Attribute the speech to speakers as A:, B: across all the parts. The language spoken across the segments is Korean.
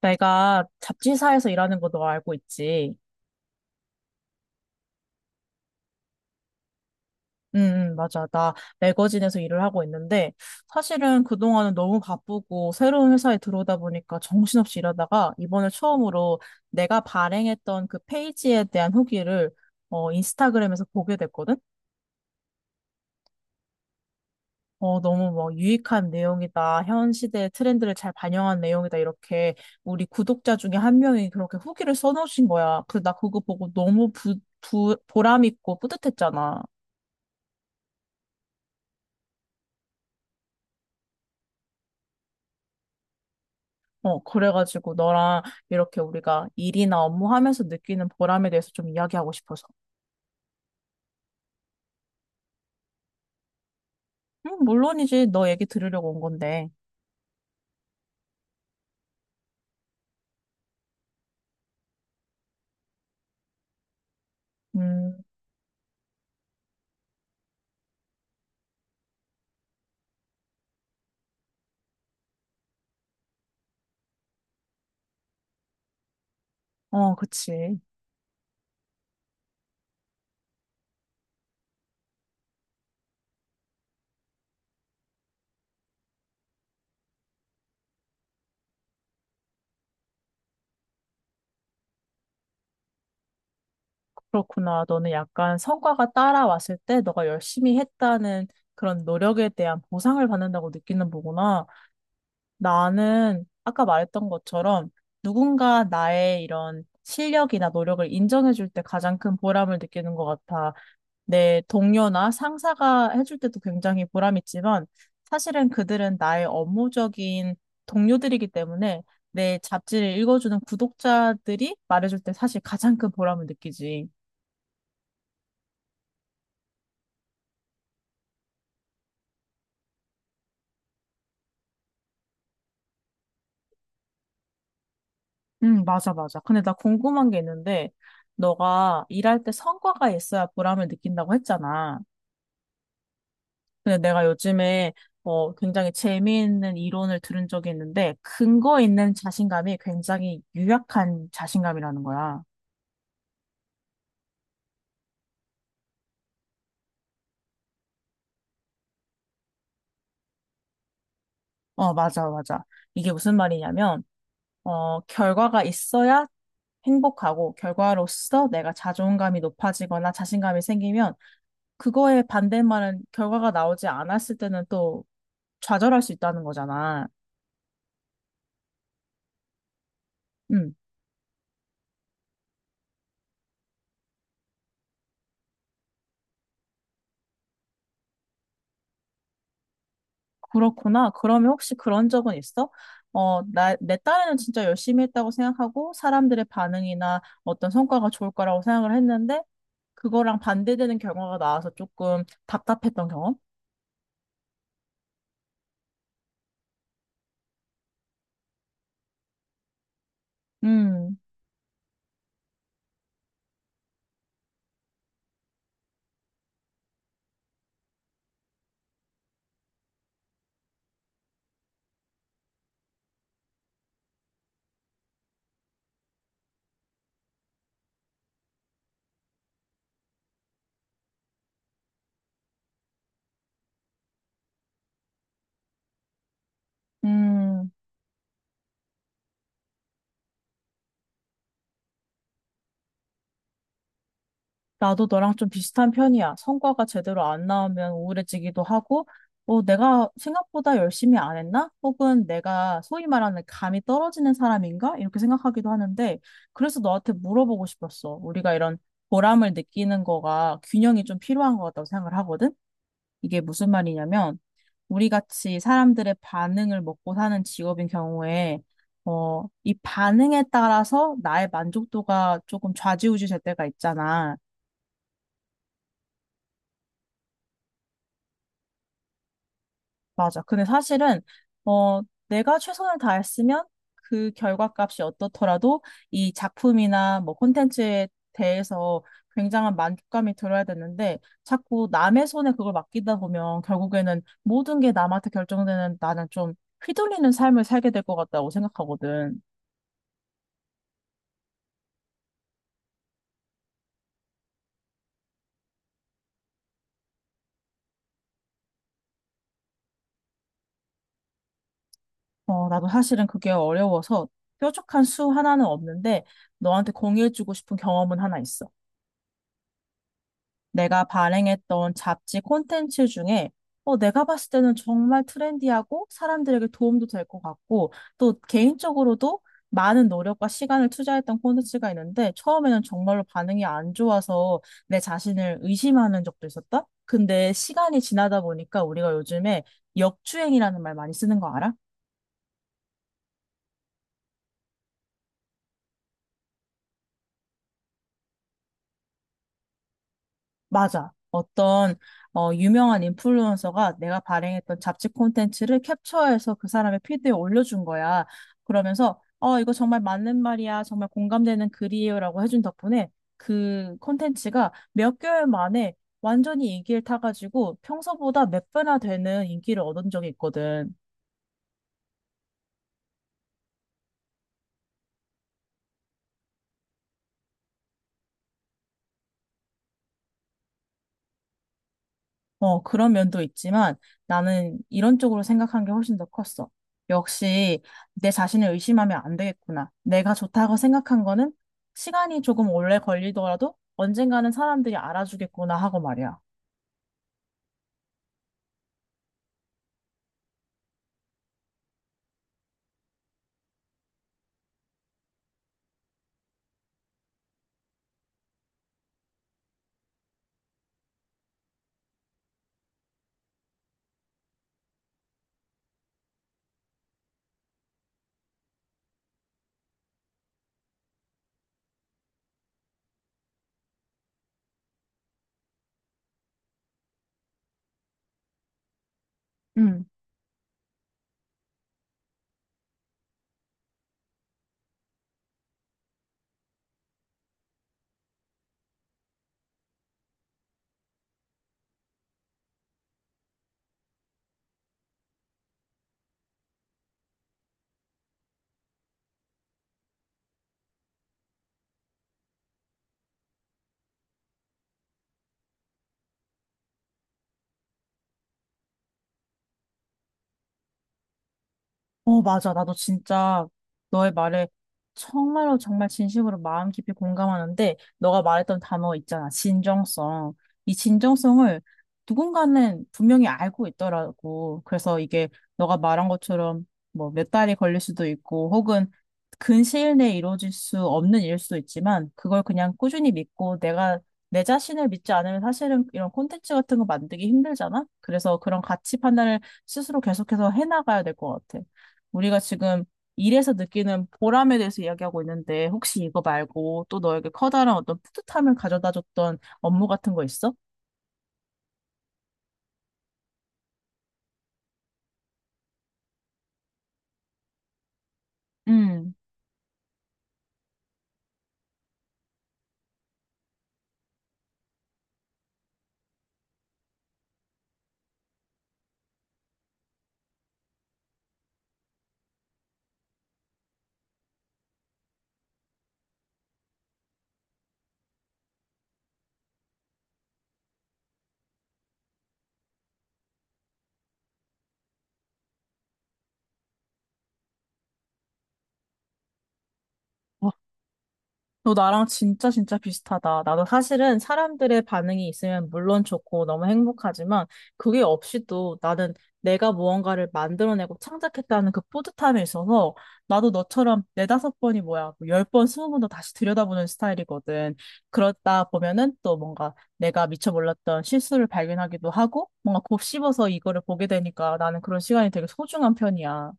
A: 내가 잡지사에서 일하는 거 너 알고 있지? 응, 응, 맞아. 나 매거진에서 일을 하고 있는데, 사실은 그동안은 너무 바쁘고, 새로운 회사에 들어오다 보니까 정신없이 일하다가, 이번에 처음으로 내가 발행했던 그 페이지에 대한 후기를, 인스타그램에서 보게 됐거든? 너무 뭐 유익한 내용이다. 현 시대의 트렌드를 잘 반영한 내용이다. 이렇게 우리 구독자 중에 한 명이 그렇게 후기를 써놓으신 거야. 그, 나 그거 보고 너무 보람 있고 뿌듯했잖아. 그래가지고 너랑 이렇게 우리가 일이나 업무하면서 느끼는 보람에 대해서 좀 이야기하고 싶어서. 물론이지. 너 얘기 들으려고 온 건데. 음, 어, 그치. 그렇구나. 너는 약간 성과가 따라왔을 때 너가 열심히 했다는 그런 노력에 대한 보상을 받는다고 느끼는 거구나. 나는 아까 말했던 것처럼 누군가 나의 이런 실력이나 노력을 인정해줄 때 가장 큰 보람을 느끼는 것 같아. 내 동료나 상사가 해줄 때도 굉장히 보람있지만 사실은 그들은 나의 업무적인 동료들이기 때문에 내 잡지를 읽어주는 구독자들이 말해줄 때 사실 가장 큰 보람을 느끼지. 응, 맞아, 맞아. 근데 나 궁금한 게 있는데 너가 일할 때 성과가 있어야 보람을 느낀다고 했잖아. 근데 내가 요즘에 굉장히 재미있는 이론을 들은 적이 있는데 근거 있는 자신감이 굉장히 유약한 자신감이라는 거야. 어, 맞아, 맞아. 이게 무슨 말이냐면, 결과가 있어야 행복하고, 결과로서 내가 자존감이 높아지거나 자신감이 생기면, 그거에 반대말은 결과가 나오지 않았을 때는 또 좌절할 수 있다는 거잖아. 음, 그렇구나. 그러면 혹시 그런 적은 있어? 어, 나, 내 딸은 진짜 열심히 했다고 생각하고, 사람들의 반응이나 어떤 성과가 좋을 거라고 생각을 했는데, 그거랑 반대되는 결과가 나와서 조금 답답했던 경험? 음, 음. 나도 너랑 좀 비슷한 편이야. 성과가 제대로 안 나오면 우울해지기도 하고, 내가 생각보다 열심히 안 했나? 혹은 내가 소위 말하는 감이 떨어지는 사람인가? 이렇게 생각하기도 하는데, 그래서 너한테 물어보고 싶었어. 우리가 이런 보람을 느끼는 거가 균형이 좀 필요한 것 같다고 생각을 하거든? 이게 무슨 말이냐면, 우리 같이 사람들의 반응을 먹고 사는 직업인 경우에, 이 반응에 따라서 나의 만족도가 조금 좌지우지 될 때가 있잖아. 맞아. 근데 사실은, 어, 내가 최선을 다했으면 그 결과값이 어떻더라도 이 작품이나 뭐 콘텐츠에 대해서 굉장한 만족감이 들어야 되는데 자꾸 남의 손에 그걸 맡기다 보면 결국에는 모든 게 남한테 결정되는 나는 좀 휘둘리는 삶을 살게 될 것 같다고 생각하거든. 나도 사실은 그게 어려워서 뾰족한 수 하나는 없는데 너한테 공유해주고 싶은 경험은 하나 있어. 내가 발행했던 잡지 콘텐츠 중에 내가 봤을 때는 정말 트렌디하고 사람들에게 도움도 될 것 같고 또 개인적으로도 많은 노력과 시간을 투자했던 콘텐츠가 있는데 처음에는 정말로 반응이 안 좋아서 내 자신을 의심하는 적도 있었다. 근데 시간이 지나다 보니까 우리가 요즘에 역주행이라는 말 많이 쓰는 거 알아? 맞아. 어떤 유명한 인플루언서가 내가 발행했던 잡지 콘텐츠를 캡처해서 그 사람의 피드에 올려준 거야. 그러면서 이거 정말 맞는 말이야. 정말 공감되는 글이에요라고 해준 덕분에 그 콘텐츠가 몇 개월 만에 완전히 인기를 타가지고 평소보다 몇 배나 되는 인기를 얻은 적이 있거든. 그런 면도 있지만 나는 이런 쪽으로 생각한 게 훨씬 더 컸어. 역시 내 자신을 의심하면 안 되겠구나. 내가 좋다고 생각한 거는 시간이 조금 오래 걸리더라도 언젠가는 사람들이 알아주겠구나 하고 말이야. 음. 어, 맞아. 나도 진짜 너의 말에 정말로 정말 진심으로 마음 깊이 공감하는데, 너가 말했던 단어 있잖아. 진정성. 이 진정성을 누군가는 분명히 알고 있더라고. 그래서 이게 너가 말한 것처럼 뭐 몇 달이 걸릴 수도 있고, 혹은 근시일 내에 이루어질 수 없는 일일 수도 있지만, 그걸 그냥 꾸준히 믿고 내가 내 자신을 믿지 않으면 사실은 이런 콘텐츠 같은 거 만들기 힘들잖아? 그래서 그런 가치 판단을 스스로 계속해서 해나가야 될 것 같아. 우리가 지금 일에서 느끼는 보람에 대해서 이야기하고 있는데, 혹시 이거 말고 또 너에게 커다란 어떤 뿌듯함을 가져다 줬던 업무 같은 거 있어? 음. 아, 너 나랑 진짜 진짜 비슷하다. 나도 사실은 사람들의 반응이 있으면 물론 좋고 너무 행복하지만 그게 없이도 나는 내가 무언가를 만들어내고 창작했다는 그 뿌듯함에 있어서 나도 너처럼 네다섯 번이 뭐야, 뭐 열 번, 스무 번 더 다시 들여다보는 스타일이거든. 그러다 보면은 또 뭔가 내가 미처 몰랐던 실수를 발견하기도 하고 뭔가 곱씹어서 이거를 보게 되니까 나는 그런 시간이 되게 소중한 편이야.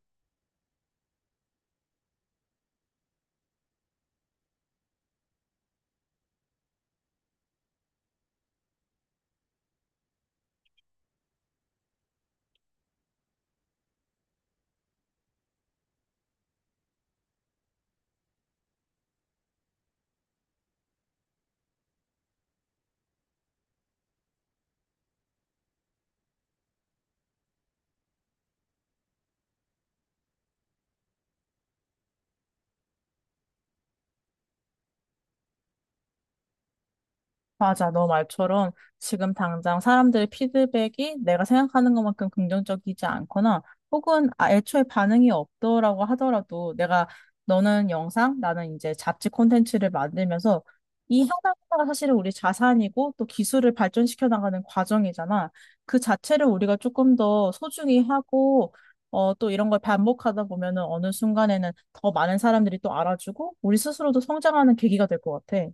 A: 맞아. 너 말처럼 지금 당장 사람들의 피드백이 내가 생각하는 것만큼 긍정적이지 않거나 혹은 아, 애초에 반응이 없더라고 하더라도 내가 너는 영상, 나는 이제 잡지 콘텐츠를 만들면서 이 하나하나가 사실은 우리 자산이고 또 기술을 발전시켜 나가는 과정이잖아. 그 자체를 우리가 조금 더 소중히 하고 또 이런 걸 반복하다 보면은 어느 순간에는 더 많은 사람들이 또 알아주고 우리 스스로도 성장하는 계기가 될 것 같아.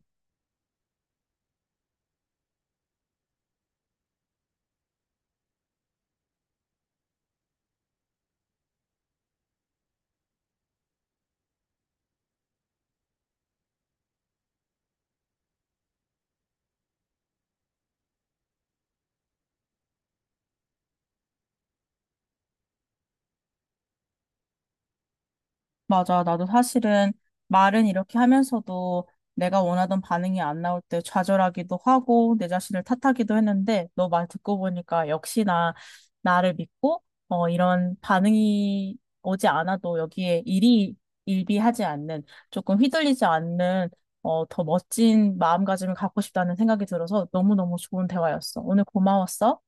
A: 맞아. 나도 사실은 말은 이렇게 하면서도 내가 원하던 반응이 안 나올 때 좌절하기도 하고 내 자신을 탓하기도 했는데 너 말 듣고 보니까 역시나 나를 믿고 이런 반응이 오지 않아도 여기에 일이 일비하지 않는 조금 휘둘리지 않는 더 멋진 마음가짐을 갖고 싶다는 생각이 들어서 너무너무 좋은 대화였어. 오늘 고마웠어.